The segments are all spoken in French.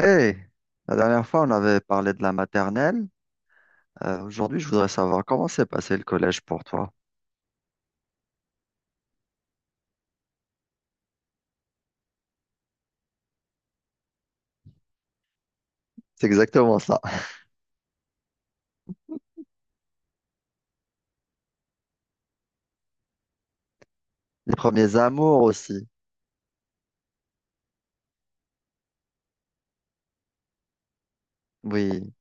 Hey, la dernière fois, on avait parlé de la maternelle. Aujourd'hui, je voudrais savoir comment s'est passé le collège pour toi. C'est exactement ça. Les premiers amours aussi. Oui.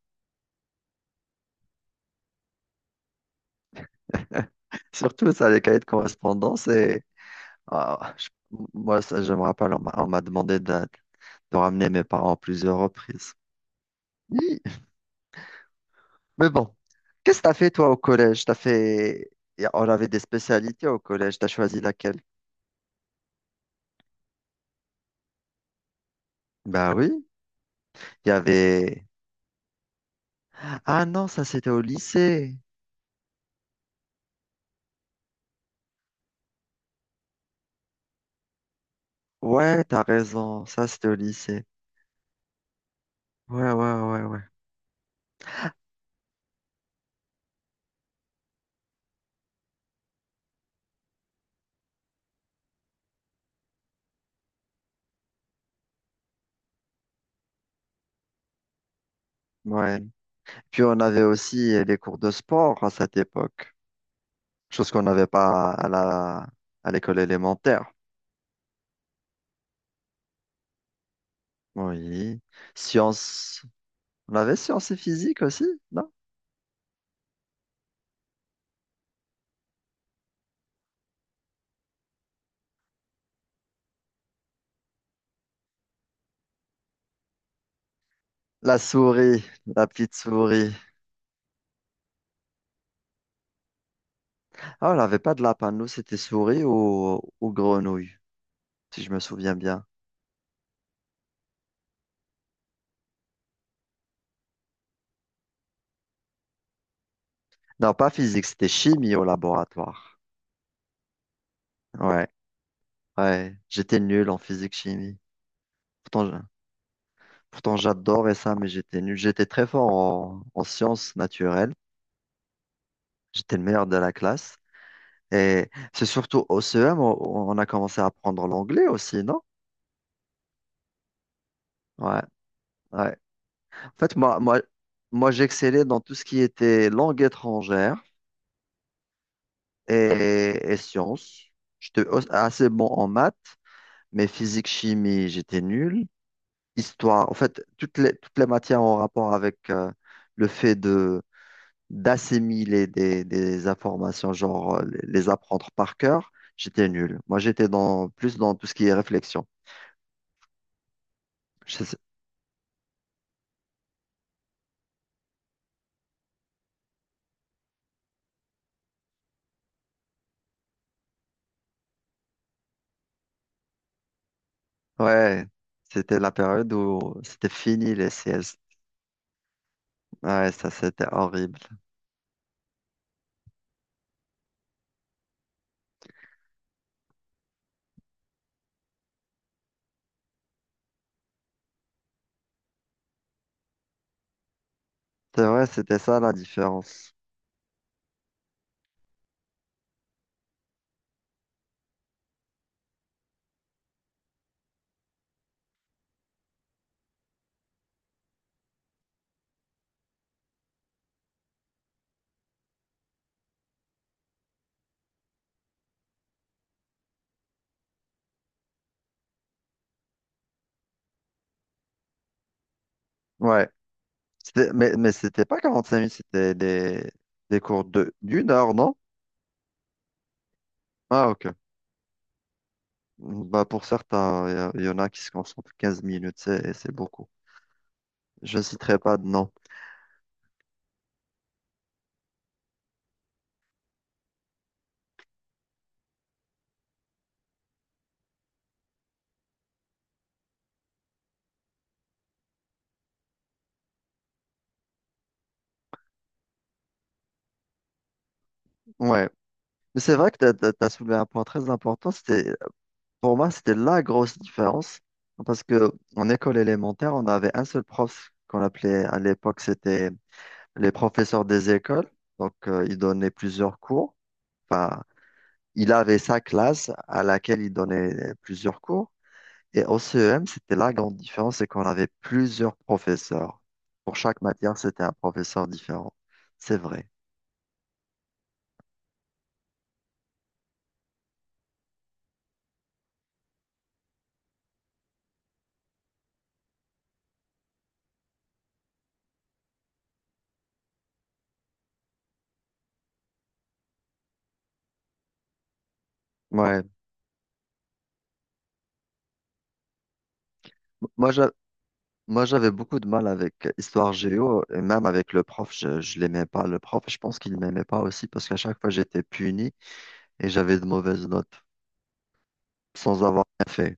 Surtout ça, les cahiers de correspondance. Ah, je- Moi, ça, je me rappelle, on m'a demandé de ramener mes parents à plusieurs reprises. Hi. Mais bon, qu'est-ce que t'as fait toi au collège? T'as fait... On avait des spécialités au collège. T'as choisi laquelle? Bah oui, il y avait... Ah non, ça c'était au lycée. Ouais, t'as raison, ça c'était au lycée. Ouais, ouais, ouais, ouais. Ouais. Puis on avait aussi les cours de sport à cette époque, chose qu'on n'avait pas à la à l'école élémentaire. Oui. Sciences. On avait sciences et physique aussi, non? La souris, la petite souris. Ah, on n'avait pas de lapin, nous c'était souris ou grenouille, si je me souviens bien. Non, pas physique, c'était chimie au laboratoire. Ouais, ouais. J'étais nul en physique-chimie. Pourtant, je- Pourtant, j'adorais ça, mais j'étais nul. J'étais très fort en sciences naturelles. J'étais le meilleur de la classe. Et c'est surtout au CEM, on a commencé à apprendre l'anglais aussi, non? Ouais, ouais. En fait, moi, j'excellais dans tout ce qui était langue étrangère et sciences. Assez bon en maths, mais physique, chimie, j'étais nul. Histoire, en fait, toutes les matières en rapport avec le fait d'assimiler des informations, genre les apprendre par cœur, j'étais nul. Moi, plus dans tout ce qui est réflexion. Je sais- ouais, c'était la période où c'était fini les C CS. Ouais, ça, c'était horrible. C'est vrai, c'était ça la différence. Ouais, mais, c'était pas 45 minutes, c'était des cours d'une heure, non? Ah, ok. Bah, pour certains, y en a qui se concentrent 15 minutes, c'est beaucoup. Je ne citerai pas de nom. Ouais. Mais c'est vrai que tu as, t'as, t'as- t'as soulevé un point très important. C'était, pour moi, c'était la grosse différence. Parce que en école élémentaire, on avait un seul prof qu'on appelait à l'époque, c'était les professeurs des écoles. Donc, il donnait plusieurs cours. Enfin, il avait sa classe à laquelle il donnait plusieurs cours. Et au CEM, c'était la grande différence, c'est qu'on avait plusieurs professeurs. Pour chaque matière, c'était un professeur différent. C'est vrai. Ouais. Moi, j'a- Moi, j'avais beaucoup de mal avec Histoire Géo et même avec le prof, je l'aimais pas. Le prof, je pense qu'il ne m'aimait pas aussi parce qu'à chaque fois, j'étais puni et j'avais de mauvaises notes sans avoir rien fait.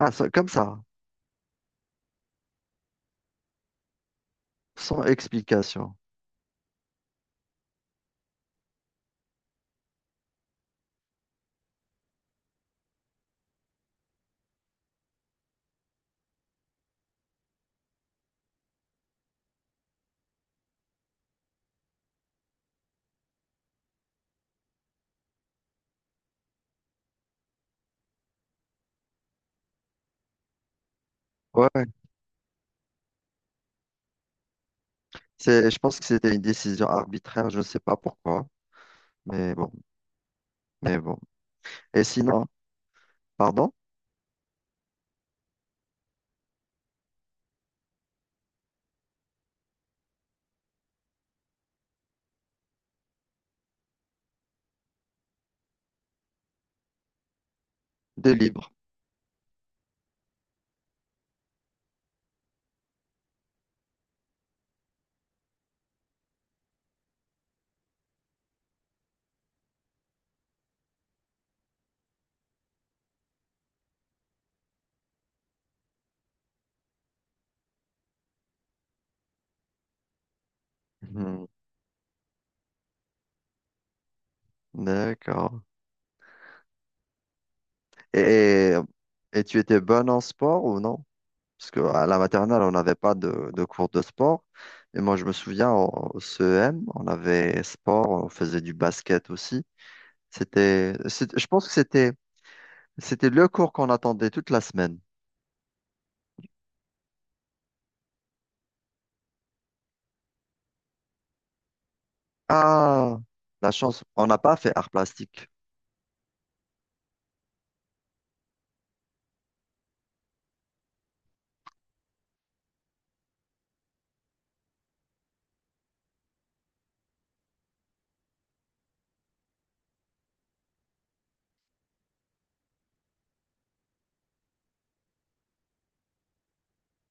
Comme ça, sans explication. Ouais, je pense que c'était une décision arbitraire, je ne sais pas pourquoi, mais bon, mais bon. Et sinon, pardon, de libre. Mhm, d'accord. Et, et tu étais bonne en sport ou non? Parce que à la maternelle, on n'avait pas de cours de sport. Et moi, je me souviens, au CEM, on avait sport, on faisait du basket aussi. Je pense que c'était le cours qu'on attendait toute la semaine. Ah, la chance, on n'a pas fait art plastique.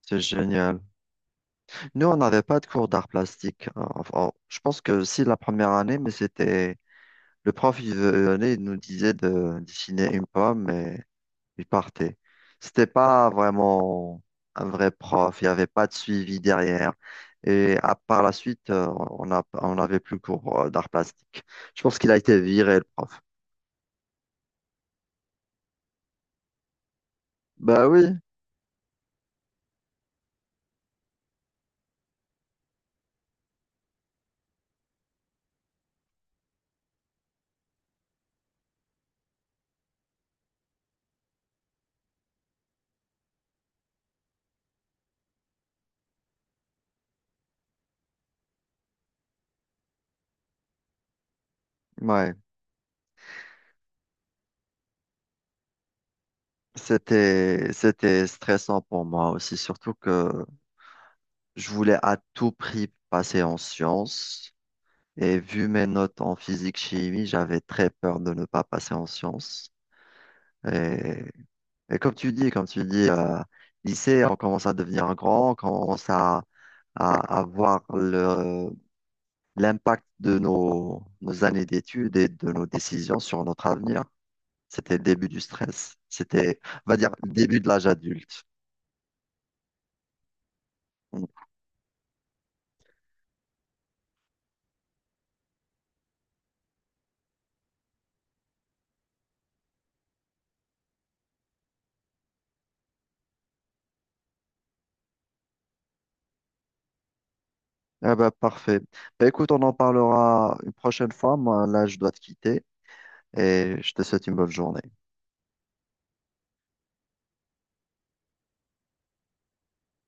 C'est génial. Nous, on n'avait pas de cours d'art plastique. Enfin, oh, je pense que si la première année, mais c'était, le prof, il venait, il nous disait de dessiner une pomme il partait. C'était pas vraiment un vrai prof, il n'y avait pas de suivi derrière. Et à, par la suite, on a, on n'avait plus cours d'art plastique. Je pense qu'il a été viré, le prof. Bah oui, ouais. C'était, c'était stressant pour moi aussi, surtout que je voulais à tout prix passer en sciences. Et vu mes notes en physique-chimie, j'avais très peur de ne pas passer en sciences. Et Et comme tu dis, lycée, on commence à devenir grand, on commence à voir l'impact de nos années d'études et de nos décisions sur notre avenir. C'était le début du stress. C'était, on va dire, le début de l'âge adulte. Mm. Ah bah, parfait. Bah, écoute, on en parlera une prochaine fois. Moi, là, je dois te quitter et je te souhaite une bonne journée.